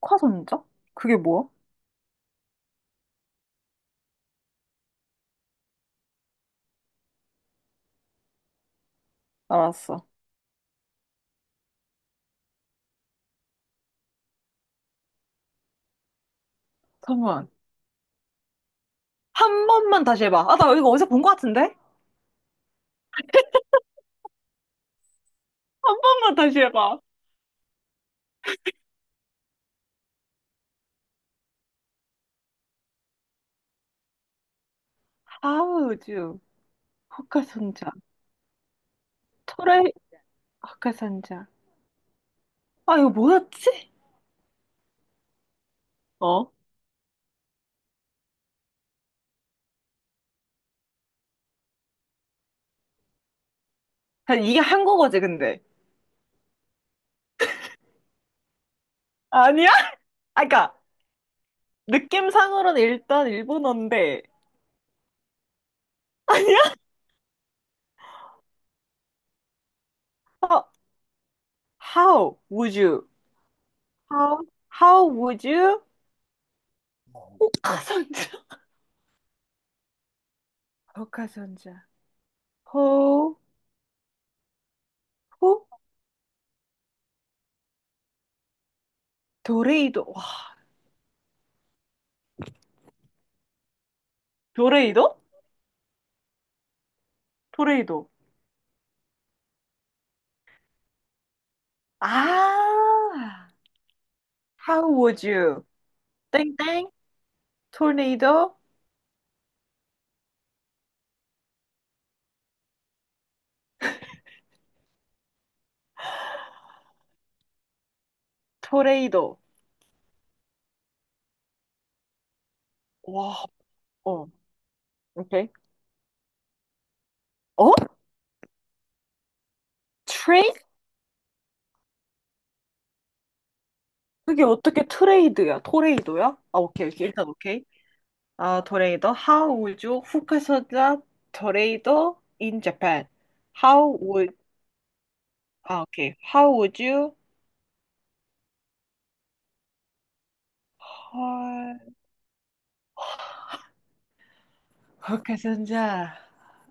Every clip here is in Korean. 특화선적? 그게 뭐야? 알았어. 잠깐만. 한 번만 다시 해봐. 아, 나 이거 어디서 본 것 같은데? 한 번만 다시 해봐. 하우 u 헛카선자 철의 헛카선자 아, 이거 뭐였지? 어? 아, 이게 한국어지, 근데. 아니야? 아, 그니까, 느낌상으로는 일단 일본어인데. 아니 어, How would you? How? How would you? 호카선자. 헛카선자 호, 호, 도레이도. 와, 도레이도? 도레이도. 아, how would you? 땡땡, 토네이도, 토레이도. 와, 어, 오케이. 어? 트레이? 그게 어떻게 트레이드야? 토레이도야? 아, 오케이, 오케이. 일단 오케이. 아, 토레이도. How would you? 후카사자 토레이도 in Japan. How would, 아, 오케이. How would you? 헐, 후카사자.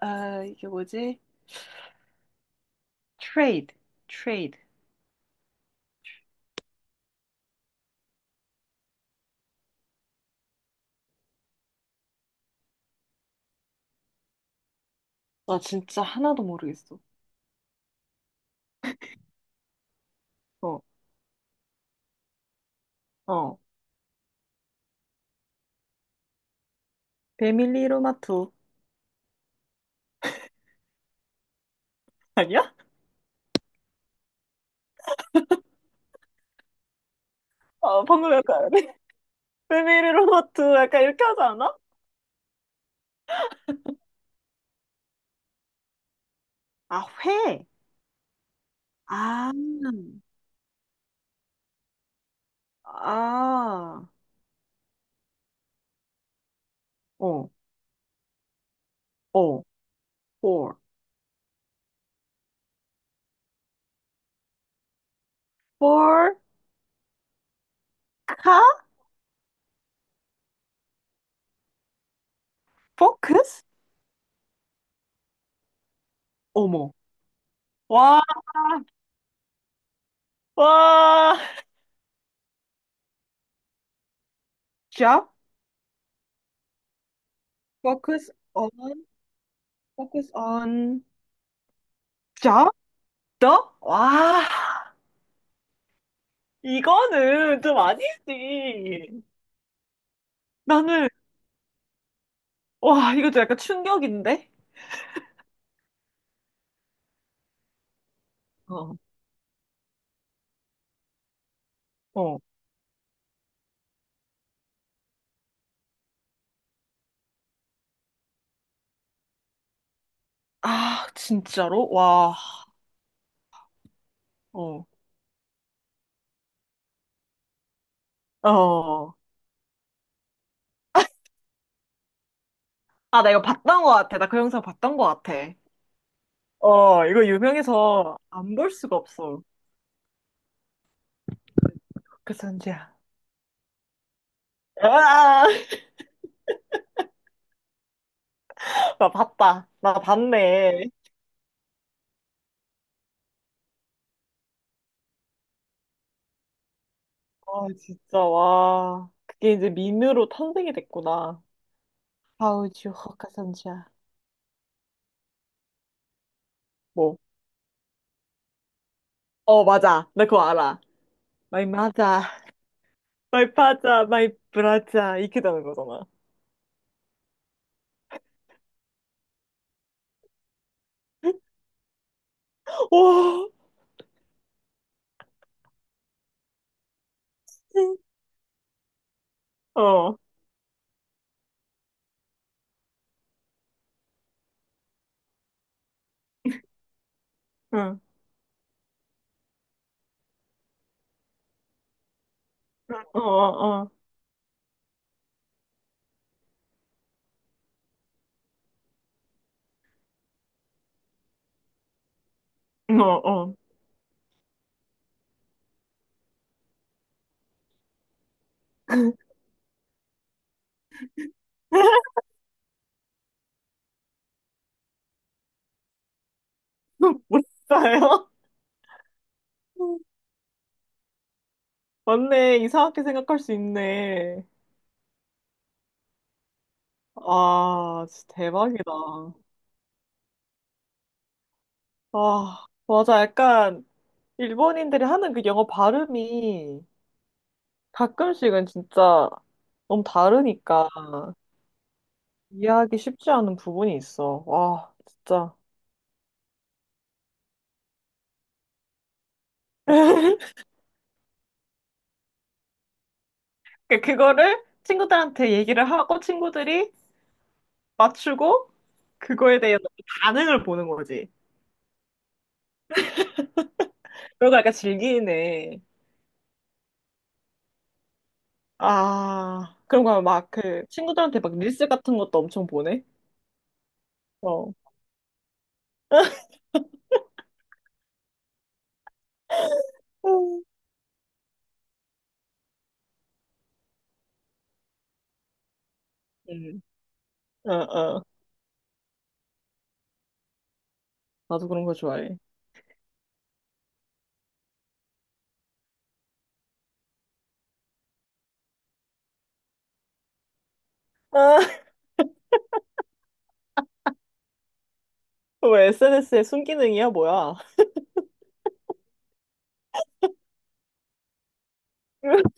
아, 이게 뭐지? 트레이드, 트레이드. 나 진짜 하나도 모르겠어. 어, 어. 패밀리 로마투 아니야? 어, 방금 약간 패밀리 로마트 약간 이렇게 하지 않아? 아, 회. 아, 아, 어, 어, for, for, 카, focus, 어머, 와, 와, job, focus on, focus on, job, the, 와. 이거는 좀 아니지. 나는, 와, 이거 좀 약간 충격인데? 어, 어. 아, 진짜로? 와, 어, 어. 아, 나 이거 봤던 것 같아. 나 그 영상 봤던 것 같아. 어, 이거 유명해서 안 볼 수가 없어. 그 선지야. 아, 나 봤다. 나 봤네. 아, 진짜, 와. 그게 이제 밈으로 탄생이 됐구나. How would you hook a 선지야? 뭐. 어, 맞아. 나 그거 알아. My mother, my father, my brother. 이렇게 되는 거잖아. 와, 진- 어, 응, 어, 어. 어, 어. 몰랐요 맞네. 이상하게 생각할 수 있네. 아, 진짜 대박이다. 아, 맞아. 약간 일본인들이 하는 그 영어 발음이 가끔씩은 진짜 너무 다르니까 이해하기 쉽지 않은 부분이 있어. 와, 진짜. 그거를 친구들한테 얘기를 하고 친구들이 맞추고 그거에 대한 반응을 보는 거지. 그러고 약간 즐기네. 아, 그런 거야. 막 그 친구들한테 막 릴스 같은 것도 엄청 보내? 어. 음. 음. 어, 어. 나도 그런 거 좋아해. 아, 왜 SNS의 순기능이야, 뭐야?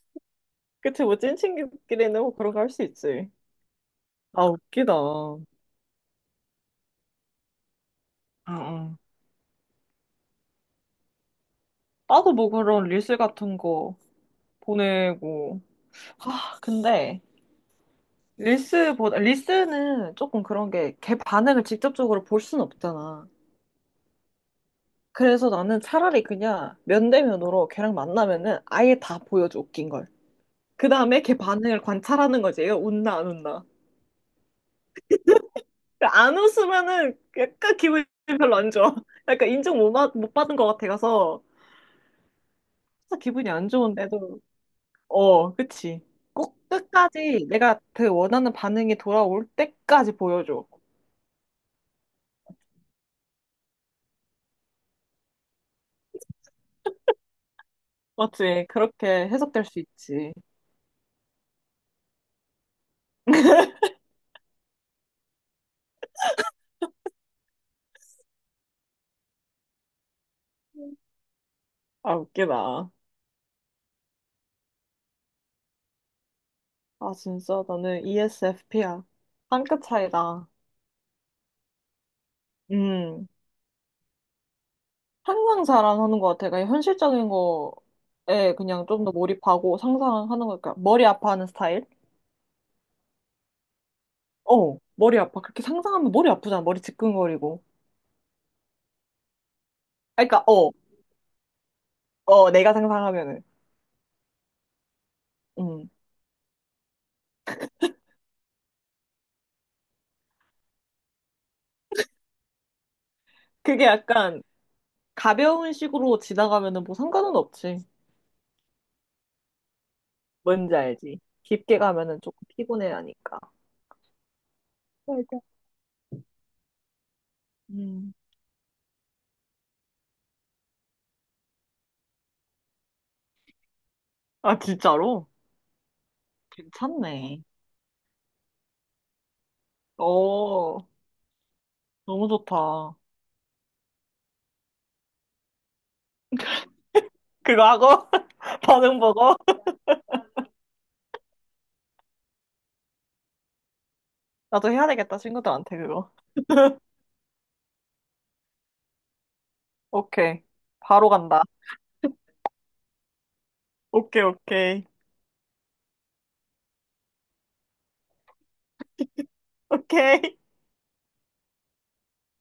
그치, 뭐 찐친구끼리는 뭐 그런 거 할 수 있지. 아, 웃기다. 응, 응. 나도 뭐 그런 릴스 같은 거 보내고. 아, 근데 릴스보다 릴스는 조금 그런 게 걔 반응을 직접적으로 볼 순 없잖아. 그래서 나는 차라리 그냥 면대면으로 걔랑 만나면은 아예 다 보여줘, 웃긴 걸. 그 다음에 걔 반응을 관찰하는 거지. 얘가 웃나, 안 웃나. 안 웃으면은 약간 기분이 별로 안 좋아. 약간 인정 못 받은 것 같아 가서. 항상 기분이 안 좋은데도. 어, 그치. 꼭 끝까지 내가 그 원하는 반응이 돌아올 때까지 보여줘. 맞지? 그렇게 해석될 수 있지. 아, 웃기다. 아, 진짜 나는 ESFP야. 한 끗 차이다. 음. 항상 자랑하는 것 같아. 그러니까 현실적인 거에 그냥 좀 더 몰입하고 상상하는 거니까 머리 아파하는 스타일? 어, 머리 아파. 그렇게 상상하면 머리 아프잖아. 머리 지끈거리고. 아, 그러니까 어, 어, 내가 상상하면은, 음, 그게 약간 가벼운 식으로 지나가면은 뭐 상관은 없지. 뭔지 알지? 깊게 가면은 조금 피곤해 하니까. 맞아. 음. 아, 진짜로? 괜찮네. 어, 너무 좋다. 그거 하고 반응 보고 나도 해야 되겠다 친구들한테 그거. 오케이. 바로 간다. 오케이, 오케이. 오케이.